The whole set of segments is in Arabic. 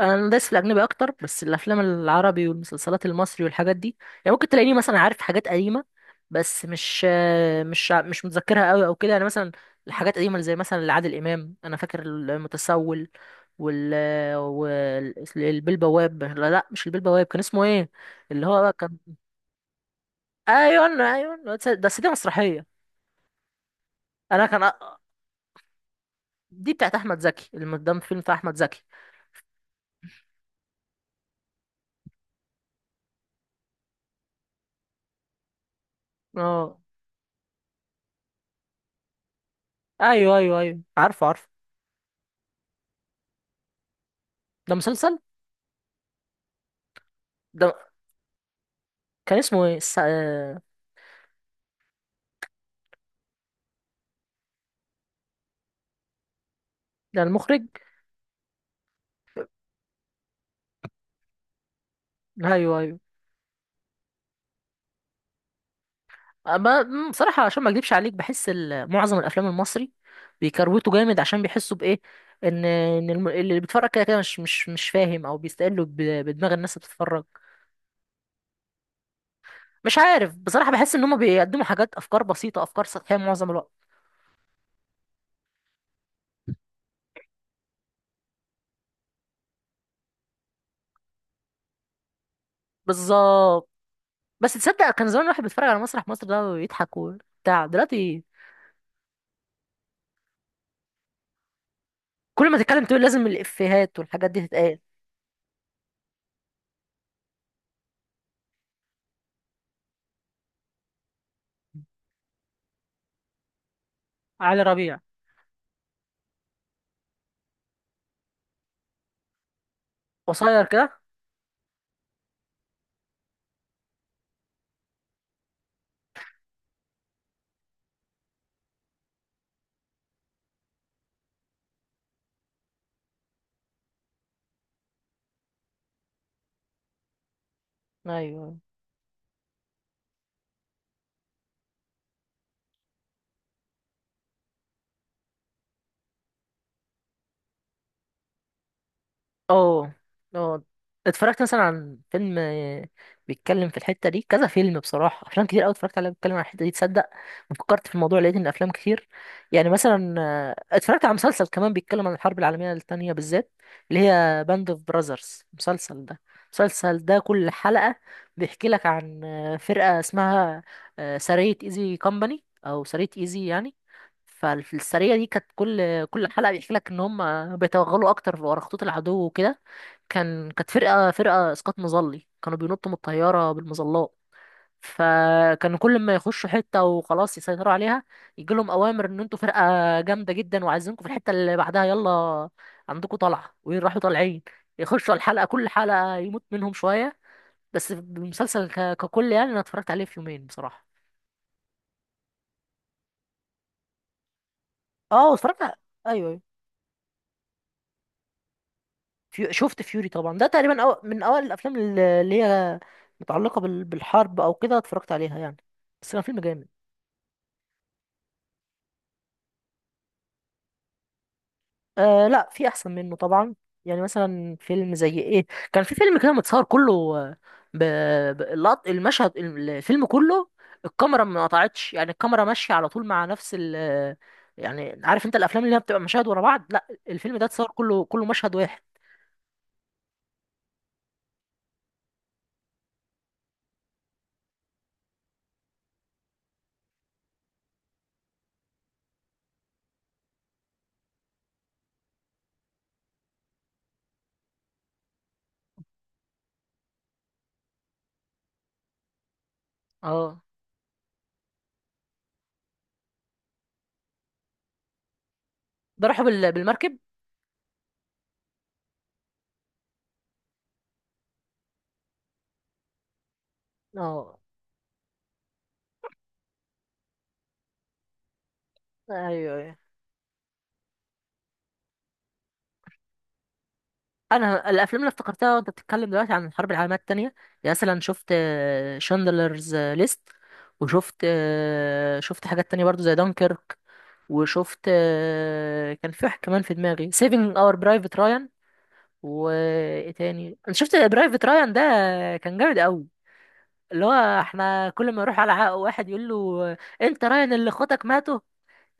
انا دايس في الاجنبي اكتر، بس الافلام العربي والمسلسلات المصري والحاجات دي يعني ممكن تلاقيني مثلا عارف حاجات قديمه، بس مش متذكرها قوي او كده. يعني مثلا الحاجات القديمه اللي زي مثلا لعادل امام انا فاكر المتسول وال والبيه البواب. لا، مش البيه البواب، كان اسمه ايه؟ اللي هو بقى كان. ايوه، ايوه، بس دي مسرحيه. انا كان أ- دي بتاعت احمد زكي، المقدم فيلم بتاع احمد زكي. اه، ايوه، عارفه. ده مسلسل. ده كان اسمه ايه الس...؟ ده المخرج. ايوه ايوه. أما- أمم، صراحه، عشان ما اكذبش عليك، بحس معظم الافلام المصري بيكروتوا جامد، عشان بيحسوا بايه، ان اللي بيتفرج كده كده مش فاهم، او بيستقلوا بدماغ الناس اللي بتتفرج. مش عارف بصراحه، بحس ان هم بيقدموا حاجات، افكار بسيطه، افكار سطحيه معظم الوقت. بالظبط. بس تصدق كان زمان الواحد بيتفرج على مسرح مصر ده ويضحك وبتاع، دلوقتي كل ما تتكلم تقول لازم الافيهات والحاجات دي تتقال. علي ربيع. قصير كده. ايوه. اه. اه، اتفرجت مثلا عن فيلم، بيتكلم في الحتة دي، كذا فيلم بصراحة، أفلام كتير أوي اتفرجت عليها بيتكلم عن الحتة دي. تصدق ما فكرت في الموضوع، لقيت إن أفلام كتير. يعني مثلا اتفرجت على مسلسل كمان بيتكلم عن الحرب العالمية التانية بالذات، اللي هي باند اوف براذرز، المسلسل ده. المسلسل ده كل حلقة بيحكي لك عن فرقة اسمها، سرية ايزي كومباني، أو سرية ايزي يعني. فالسرية دي كانت كل حلقة بيحكي لك ان هم بيتوغلوا اكتر ورا خطوط العدو وكده. كانت فرقة، فرقة اسقاط مظلي، كانوا بينطوا من الطيارة بالمظلات. فكانوا كل ما يخشوا حتة وخلاص يسيطروا عليها، يجي لهم اوامر ان انتوا فرقة جامدة جدا، وعايزينكم في الحتة اللي بعدها، يلا عندكم طلعة، ويروحوا طالعين يخشوا الحلقة. كل حلقة يموت منهم شوية. بس المسلسل ككل، يعني انا اتفرجت عليه في يومين بصراحة. اه، ايوه، أيوة. شفت فيوري طبعا، ده تقريبا من اوائل الافلام اللي هي متعلقه بالحرب او كده، اتفرجت عليها يعني. بس كان فيلم جامد. آه لا، في احسن منه طبعا. يعني مثلا فيلم زي ايه، كان في فيلم كده متصور كله، ب... المشهد، الفيلم كله الكاميرا ما قطعتش، يعني الكاميرا ماشيه على طول مع نفس ال يعني عارف انت الافلام اللي هي بتبقى مشاهد ورا بعض، لا الفيلم ده اتصور كله، كله مشهد واحد. اه. ده راحوا بالمركب. اه. ايوه، أيوه. انا الافلام اللي افتكرتها وانت بتتكلم دلوقتي عن الحرب العالميه الثانيه، يعني مثلا شفت شاندلرز ليست، وشفت شفت حاجات تانية برضو زي دانكيرك، وشفت كان في واحد كمان في دماغي، سيفينج اور برايفت رايان. وايه تاني؟ انا شفت برايفت رايان ده، كان جامد قوي. اللي هو احنا كل ما يروح على عائق واحد يقول له، انت رايان اللي اخواتك ماتوا،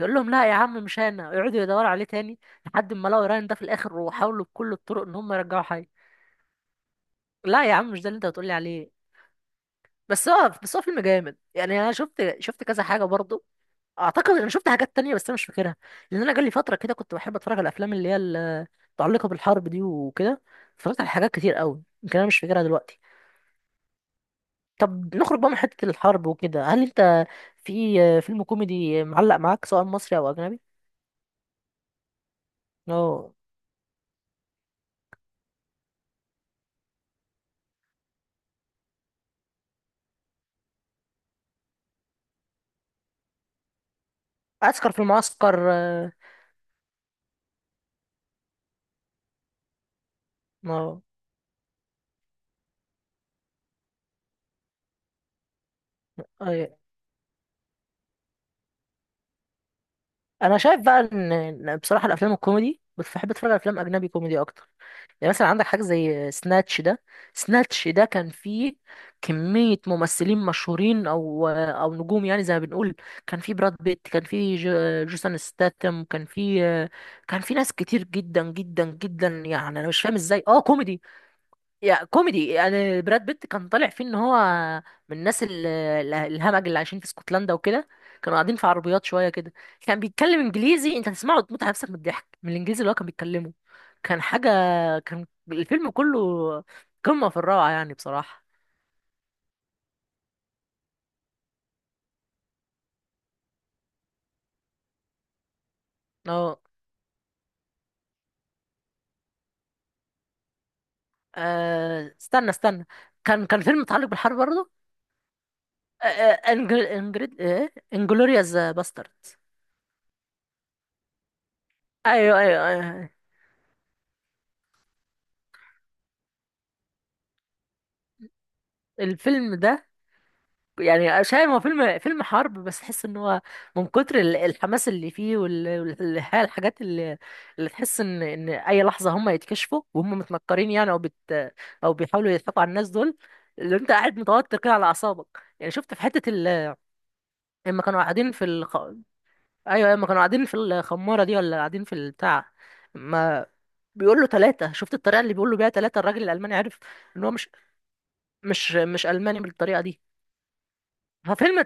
يقول لهم لا يا عم مش انا، يقعدوا يدوروا عليه تاني، لحد ما لقوا رايان ده في الاخر، وحاولوا بكل الطرق ان هم يرجعوا حي. لا يا عم مش ده اللي انت بتقولي عليه. بس هو فيلم جامد يعني. انا شفت كذا حاجه برضه، اعتقد انا شفت حاجات تانية بس انا مش فاكرها، لان انا جالي فتره كده كنت بحب اتفرج على الافلام اللي هي متعلقه بالحرب دي وكده، اتفرجت على حاجات كتير قوي يمكن انا مش فاكرها دلوقتي. طب نخرج بقى من حته الحرب وكده، هل انت في فيلم كوميدي معلق معاك، سواء مصري او اجنبي؟ اه. عسكر في المعسكر، اه، آه، أيوة. انا شايف بقى ان إن بصراحه الافلام الكوميدي، بس بحب اتفرج على افلام اجنبي كوميدي اكتر. يعني مثلا عندك حاجه زي سناتش ده، سناتش ده كان فيه كميه ممثلين مشهورين او او نجوم يعني زي ما بنقول. كان فيه براد بيت، كان فيه جوسون ستاتم، كان فيه، كان فيه ناس كتير جدا جدا جدا، يعني انا مش فاهم ازاي اه كوميدي. يا كوميدي، انا براد بيت كان طالع فيه ان هو من الناس الهمج اللي عايشين في اسكتلندا وكده، كانوا قاعدين في عربيات شويه كده، كان بيتكلم انجليزي، انت هتسمعه وتموت على نفسك من الضحك من الانجليزي اللي هو كان بيتكلمه. كان حاجه، كان الفيلم كله قمه في الروعه يعني بصراحه. اه. استنى كان كان فيلم متعلق بالحرب برضه. انجل انجريد ايه انجلوريوس باسترد. ايوه. الفيلم ده، يعني مش عارف، هو فيلم، فيلم حرب، بس تحس ان هو من كتر الحماس اللي فيه والحاجات اللي، اللي تحس ان ان اي لحظه هم يتكشفوا وهم متنكرين، يعني او بيحاولوا يضحكوا على الناس دول، اللي انت قاعد متوتر كده على اعصابك. يعني شفت في حته ال... لما كانوا قاعدين في الخ... ايوه لما كانوا قاعدين في الخماره دي، ولا قاعدين في البتاع، ما بيقول له ثلاثه، شفت الطريقه اللي بيقول له بيها ثلاثه، الراجل الالماني عرف ان هو مش الماني بالطريقه دي. ففيلم،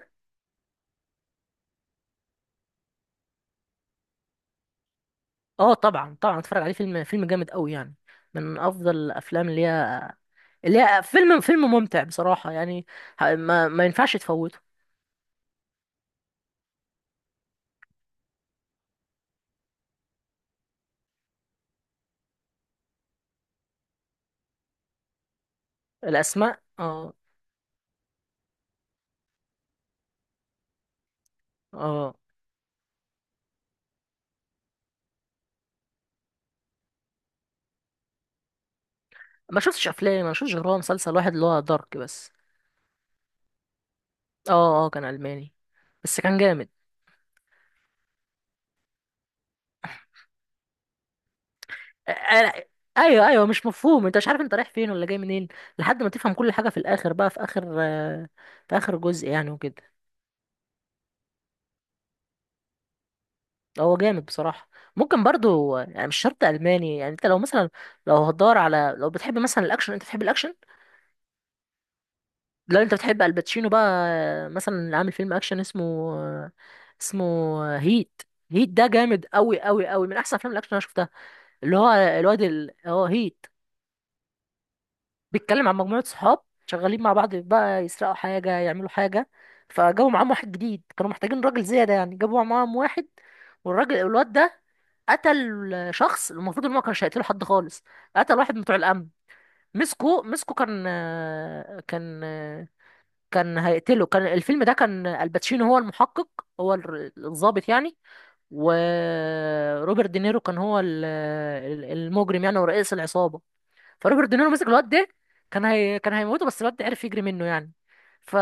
اه طبعا طبعا اتفرج عليه، فيلم، فيلم جامد قوي يعني، من افضل الافلام اللي هي، اللي هي، فيلم، فيلم ممتع بصراحة يعني، ما ينفعش تفوته. الاسماء، اه. اه، ما شفتش افلام، ما شفتش غير هو مسلسل واحد اللي هو دارك بس. اه، اه كان الماني، بس كان جامد. آه، آه، ايوه ايوه، مش مفهوم، انت مش عارف انت رايح فين ولا جاي منين، لحد ما تفهم كل حاجة في الاخر بقى، في اخر في اخر جزء يعني وكده. هو جامد بصراحة. ممكن برضو، يعني مش شرط ألماني، يعني انت لو مثلا، لو هتدور على، لو بتحب مثلا الأكشن، انت بتحب الأكشن؟ لو انت بتحب الباتشينو بقى، مثلا اللي عامل فيلم أكشن اسمه، اسمه، هيت. هيت ده جامد أوي أوي أوي، من أحسن أفلام الأكشن اللي أنا شفتها. اللي هو الواد ال... هو هيت، بيتكلم عن مجموعة صحاب شغالين مع بعض بقى، يسرقوا حاجة، يعملوا حاجة، فجابوا معاهم واحد جديد، كانوا محتاجين راجل زيادة يعني، جابوا معاهم واحد. والراجل الواد ده قتل شخص، المفروض ان هو كانش هيقتله حد خالص. قتل واحد من بتوع الامن، مسكه، كان كان هيقتله. كان الفيلم ده كان الباتشينو هو المحقق، هو الضابط يعني. وروبرت دينيرو كان هو المجرم يعني، ورئيس العصابة. فروبرت دينيرو مسك الواد ده، كان هيموته، بس الواد ده عرف يجري منه يعني. ف...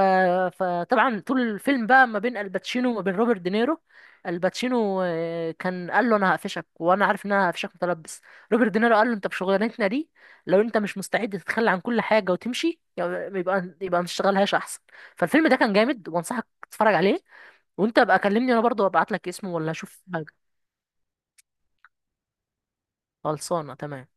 فطبعا طول الفيلم بقى ما بين الباتشينو وما بين روبرت دينيرو، الباتشينو كان قال له انا هقفشك، وانا عارف ان انا هقفشك متلبس. روبرت دينيرو قال له انت بشغلانتنا دي، لو انت مش مستعد تتخلى عن كل حاجه وتمشي، يبقى يبقى ما تشتغلهاش احسن. فالفيلم ده كان جامد وانصحك تتفرج عليه. وانت بقى كلمني انا برضه وابعت لك اسمه، ولا اشوف حاجه. خلصانه تمام.